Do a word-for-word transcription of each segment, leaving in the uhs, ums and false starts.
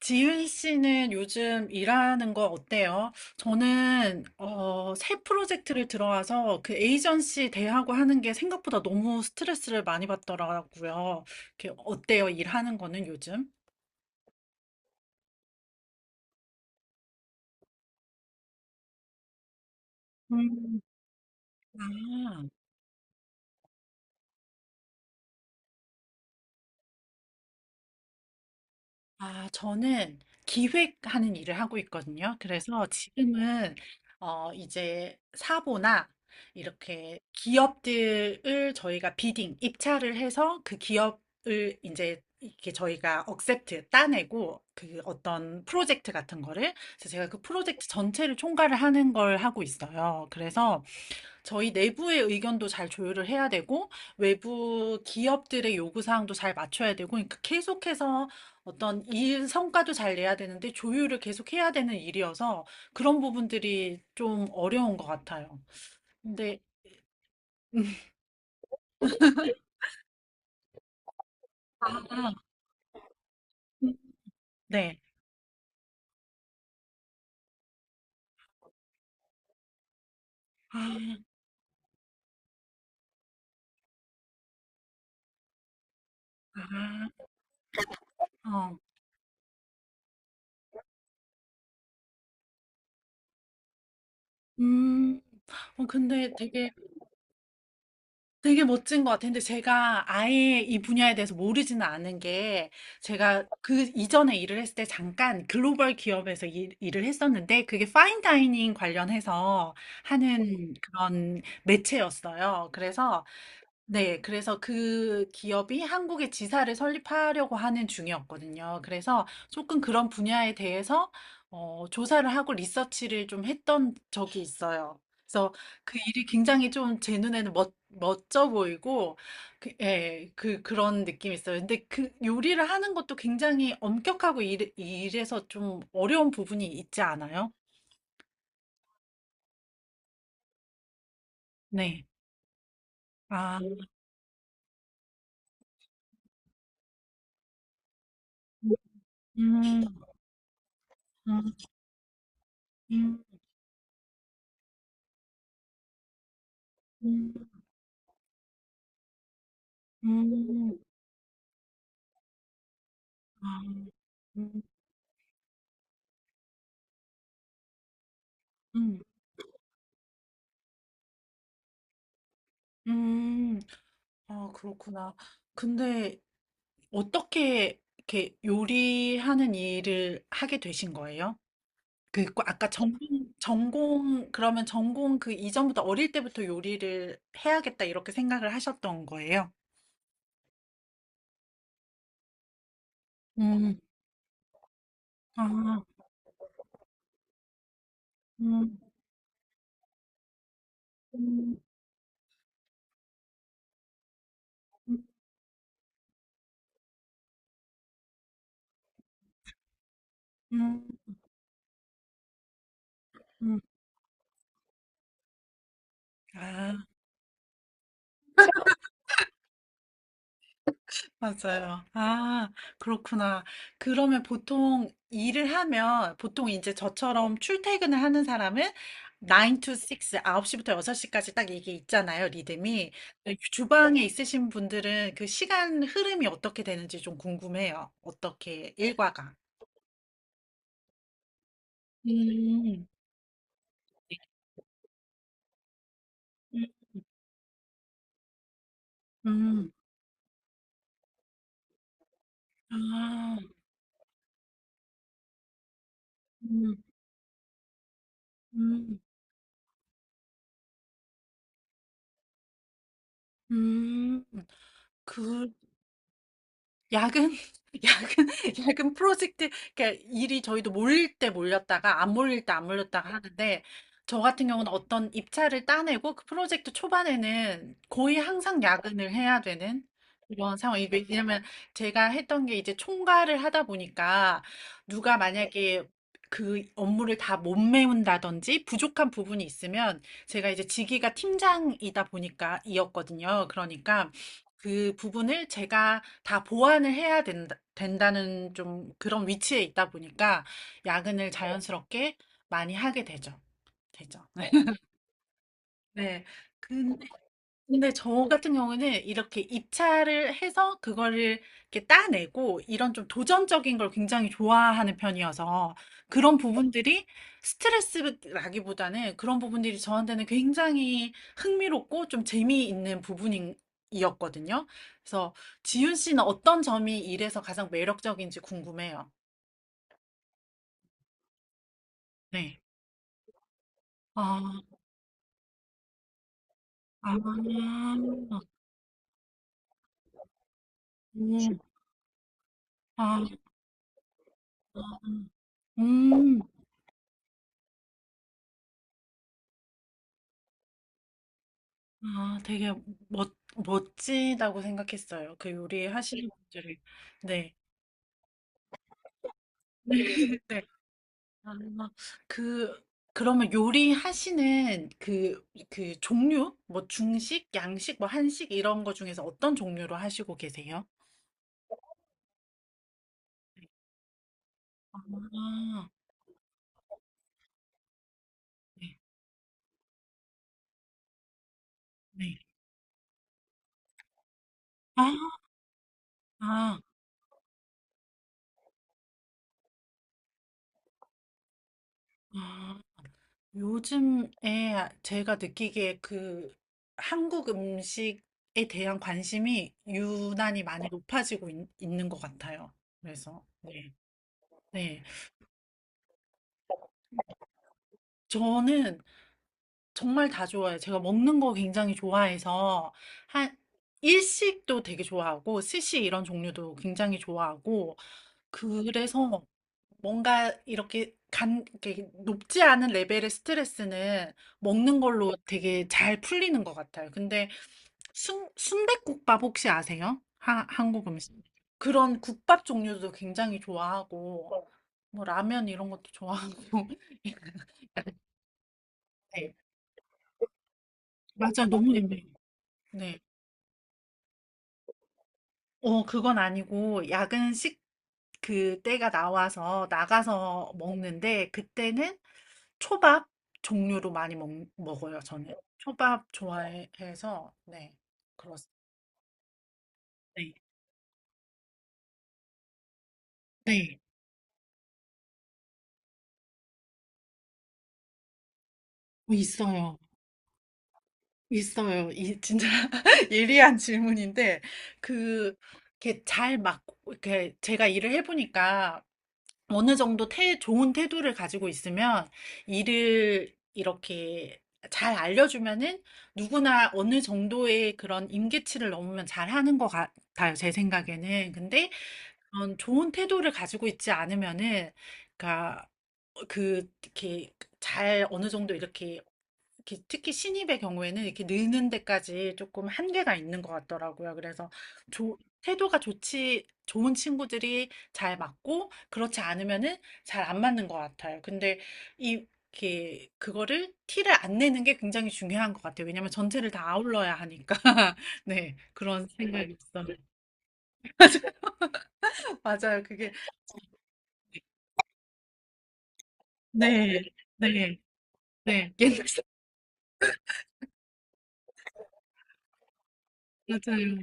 지윤 씨는 요즘 일하는 거 어때요? 저는 어, 새 프로젝트를 들어와서 그 에이전시 대하고 하는 게 생각보다 너무 스트레스를 많이 받더라고요. 이렇게 어때요? 일하는 거는 요즘? 음. 아. 아, 저는 기획하는 일을 하고 있거든요. 그래서 지금은 어, 이제 사보나 이렇게 기업들을 저희가 비딩, 입찰을 해서 그 기업을 이제 이렇게 저희가 억셉트 따내고 그 어떤 프로젝트 같은 거를. 그래서 제가 그 프로젝트 전체를 총괄을 하는 걸 하고 있어요. 그래서 저희 내부의 의견도 잘 조율을 해야 되고, 외부 기업들의 요구사항도 잘 맞춰야 되고, 그러니까 계속해서 어떤 일 성과도 잘 내야 되는데, 조율을 계속 해야 되는 일이어서 그런 부분들이 좀 어려운 것 같아요. 근데, 음. 아, 네. 아, 아, 어. 음, 어, 근데 되게 되게 멋진 것 같아요. 근데 제가 아예 이 분야에 대해서 모르지는 않은 게 제가 그 이전에 일을 했을 때 잠깐 글로벌 기업에서 일, 을 했었는데 그게 파인 다이닝 관련해서 하는 그런 매체였어요. 그래서 네. 그래서 그 기업이 한국에 지사를 설립하려고 하는 중이었거든요. 그래서 조금 그런 분야에 대해서 어 조사를 하고 리서치를 좀 했던 적이 있어요. 그래서 그 일이 굉장히 좀 제 눈에는 멋 멋져 보이고 그 예. 그 그런 느낌이 있어요. 근데 그 요리를 하는 것도 굉장히 엄격하고 이래 해서 좀 어려운 부분이 있지 않아요? 네. 아. 음. 음. 음. 음. 아. 음. 음. 음, 아, 그렇구나. 근데 어떻게 이렇게 요리하는 일을 하게 되신 거예요? 그, 과- 아까 전공, 전공, 그러면 전공 그 이전부터 어릴 때부터 요리를 해야겠다 이렇게 생각을 하셨던 거예요? 음, 아, 음, 음, 음, 음. 음. 아, 맞아요. 아, 그렇구나. 그러면 보통 일을 하면, 보통 이제 저처럼 출퇴근을 하는 사람은 나인 to 식스, 아홉 시부터 여섯 시까지 딱 이게 있잖아요, 리듬이. 근데 주방에 있으신 분들은 그 시간 흐름이 어떻게 되는지 좀 궁금해요. 어떻게 일과가. 음, 음, 음. 아, 음, 음, 음. 그, 야근, 야근, 야근 프로젝트, 그러니까 일이 저희도 몰릴 때 몰렸다가 안 몰릴 때 안 몰렸다가 하는데 저 같은 경우는 어떤 입찰을 따내고 그 프로젝트 초반에는 거의 항상 야근을 해야 되는 그런 상황이 왜- 왜냐면 제가 했던 게 이제 총괄을 하다 보니까 누가 만약에 그 업무를 다 못 메운다든지 부족한 부분이 있으면 제가 이제 직위가 팀장이다 보니까 이었거든요. 그러니까 그 부분을 제가 다 보완을 해야 된다, 된다는 좀 그런 위치에 있다 보니까 야근을 자연스럽게 많이 하게 되죠. 되죠. 네. 근데 근데 저 같은 경우에는 이렇게 입찰을 해서 그거를 이렇게 따내고 이런 좀 도전적인 걸 굉장히 좋아하는 편이어서 그런 부분들이 스트레스라기보다는 그런 부분들이 저한테는 굉장히 흥미롭고 좀 재미있는 부분이었거든요. 그래서 지윤 씨는 어떤 점이 일에서 가장 매력적인지 궁금해요. 네. 아, 아, 음, 아, 음. 아, 되게 멋, 멋지다고 생각했어요. 그 요리 하시는 분들을. 네. 네. 아, 그, 그러면 요리 하시는 그, 그, 종류? 뭐 중식, 양식, 뭐 한식 이런 거 중에서 어떤 종류로 하시고 계세요? 아, 네. 네. 아, 아, 아. 요즘에 제가 느끼기에 그 한국 음식에 대한 관심이 유난히 많이 높아지고 있, 는것 같아요. 그래서, 네. 네. 저는 정말 다 좋아해요. 제가 먹는 거 굉장히 좋아해서, 한, 일식도 되게 좋아하고, 스시 이런 종류도 굉장히 좋아하고, 그래서 뭔가 이렇게 간, 이렇게 높지 않은 레벨의 스트레스는 먹는 걸로 되게 잘 풀리는 것 같아요. 근데 순, 순댓국밥 혹시 아세요? 하, 한국 음식. 그런 국밥 종류도 굉장히 좋아하고, 뭐 라면 이런 것도 좋아하고. 네, 맞아, 너무 애매해요. 네. 어, 그건 아니고, 야근식 그 때가 나와서 나가서 먹는데, 그때는 초밥 종류로 많이 먹, 먹어요, 저는. 초밥 좋아해서, 네. 그렇습니다. 네. 네. 어, 있어요. 있어요. 이, 진짜 예리한 질문인데, 그, 이렇게 잘 막, 이렇게 제가 일을 해보니까 어느 정도 태, 좋은 태도를 가지고 있으면 일을 이렇게 잘 알려주면은 누구나 어느 정도의 그런 임계치를 넘으면 잘하는 것 같아요, 제 생각에는. 근데 그런 좋은 태도를 가지고 있지 않으면은, 그러니까 어, 그 이렇게 잘 어느 정도 이렇게 이렇게 특히 신입의 경우에는 이렇게 느는 데까지 조금 한계가 있는 것 같더라고요. 그래서 조, 태도가 좋지, 좋은 친구들이 잘 맞고, 그렇지 않으면은 잘 안 맞는 것 같아요. 근데 이, 이렇게, 그거를 티를 안 내는 게 굉장히 중요한 것 같아요. 왜냐면 전체를 다 아울러야 하니까. 네, 그런 생각이 있어요. 맞아요. 그게, 네, 네, 네. 옛날, 사 맞아요.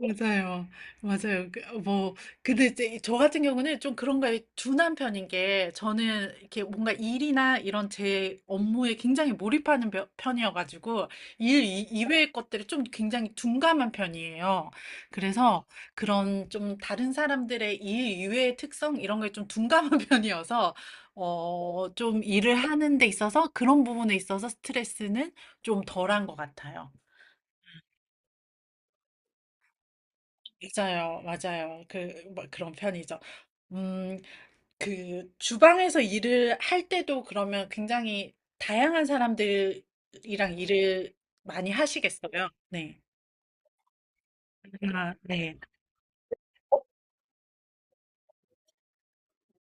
맞아요. 맞아요. 그, 어, 뭐, 근데 이제 저 같은 경우는 좀 그런 거에 둔한 편인 게 저는 이렇게 뭔가 일이나 이런 제 업무에 굉장히 몰입하는 벼- 편이어가지고 일 이- 이외의 것들을 좀 굉장히 둔감한 편이에요. 그래서 그런 좀 다른 사람들의 일 이외의 특성 이런 거에 좀 둔감한 편이어서 어, 좀 일을 하는 데 있어서 그런 부분에 있어서 스트레스는 좀 덜한 것 같아요. 맞아요, 맞아요. 그, 뭐 그런 편이죠. 음, 그 주방에서 일을 할 때도 그러면 굉장히 다양한 사람들이랑 일을 많이 하시겠어요? 네. 아, 네.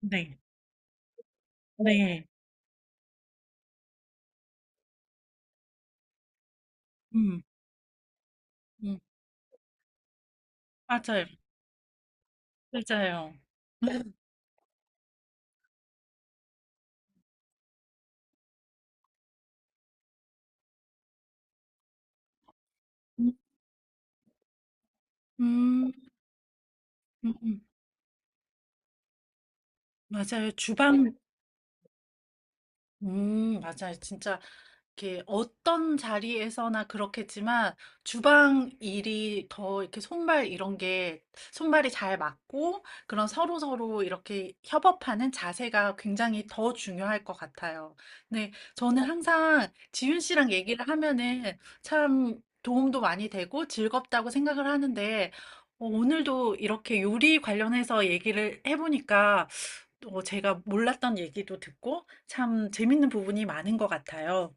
네. 네. 음, 음, 맞아요. 맞아요. 음, 음, 음, 음. 맞아요. 주방 음 맞아요. 진짜 이렇게 어떤 자리에서나 그렇겠지만 주방 일이 더 이렇게 손발 이런 게 손발이 잘 맞고 그런 서로서로 이렇게 협업하는 자세가 굉장히 더 중요할 것 같아요. 네, 저는 항상 지윤 씨랑 얘기를 하면은 참 도움도 많이 되고 즐겁다고 생각을 하는데 어, 오늘도 이렇게 요리 관련해서 얘기를 해보니까 또 제가 몰랐던 얘기도 듣고 참 재밌는 부분이 많은 것 같아요.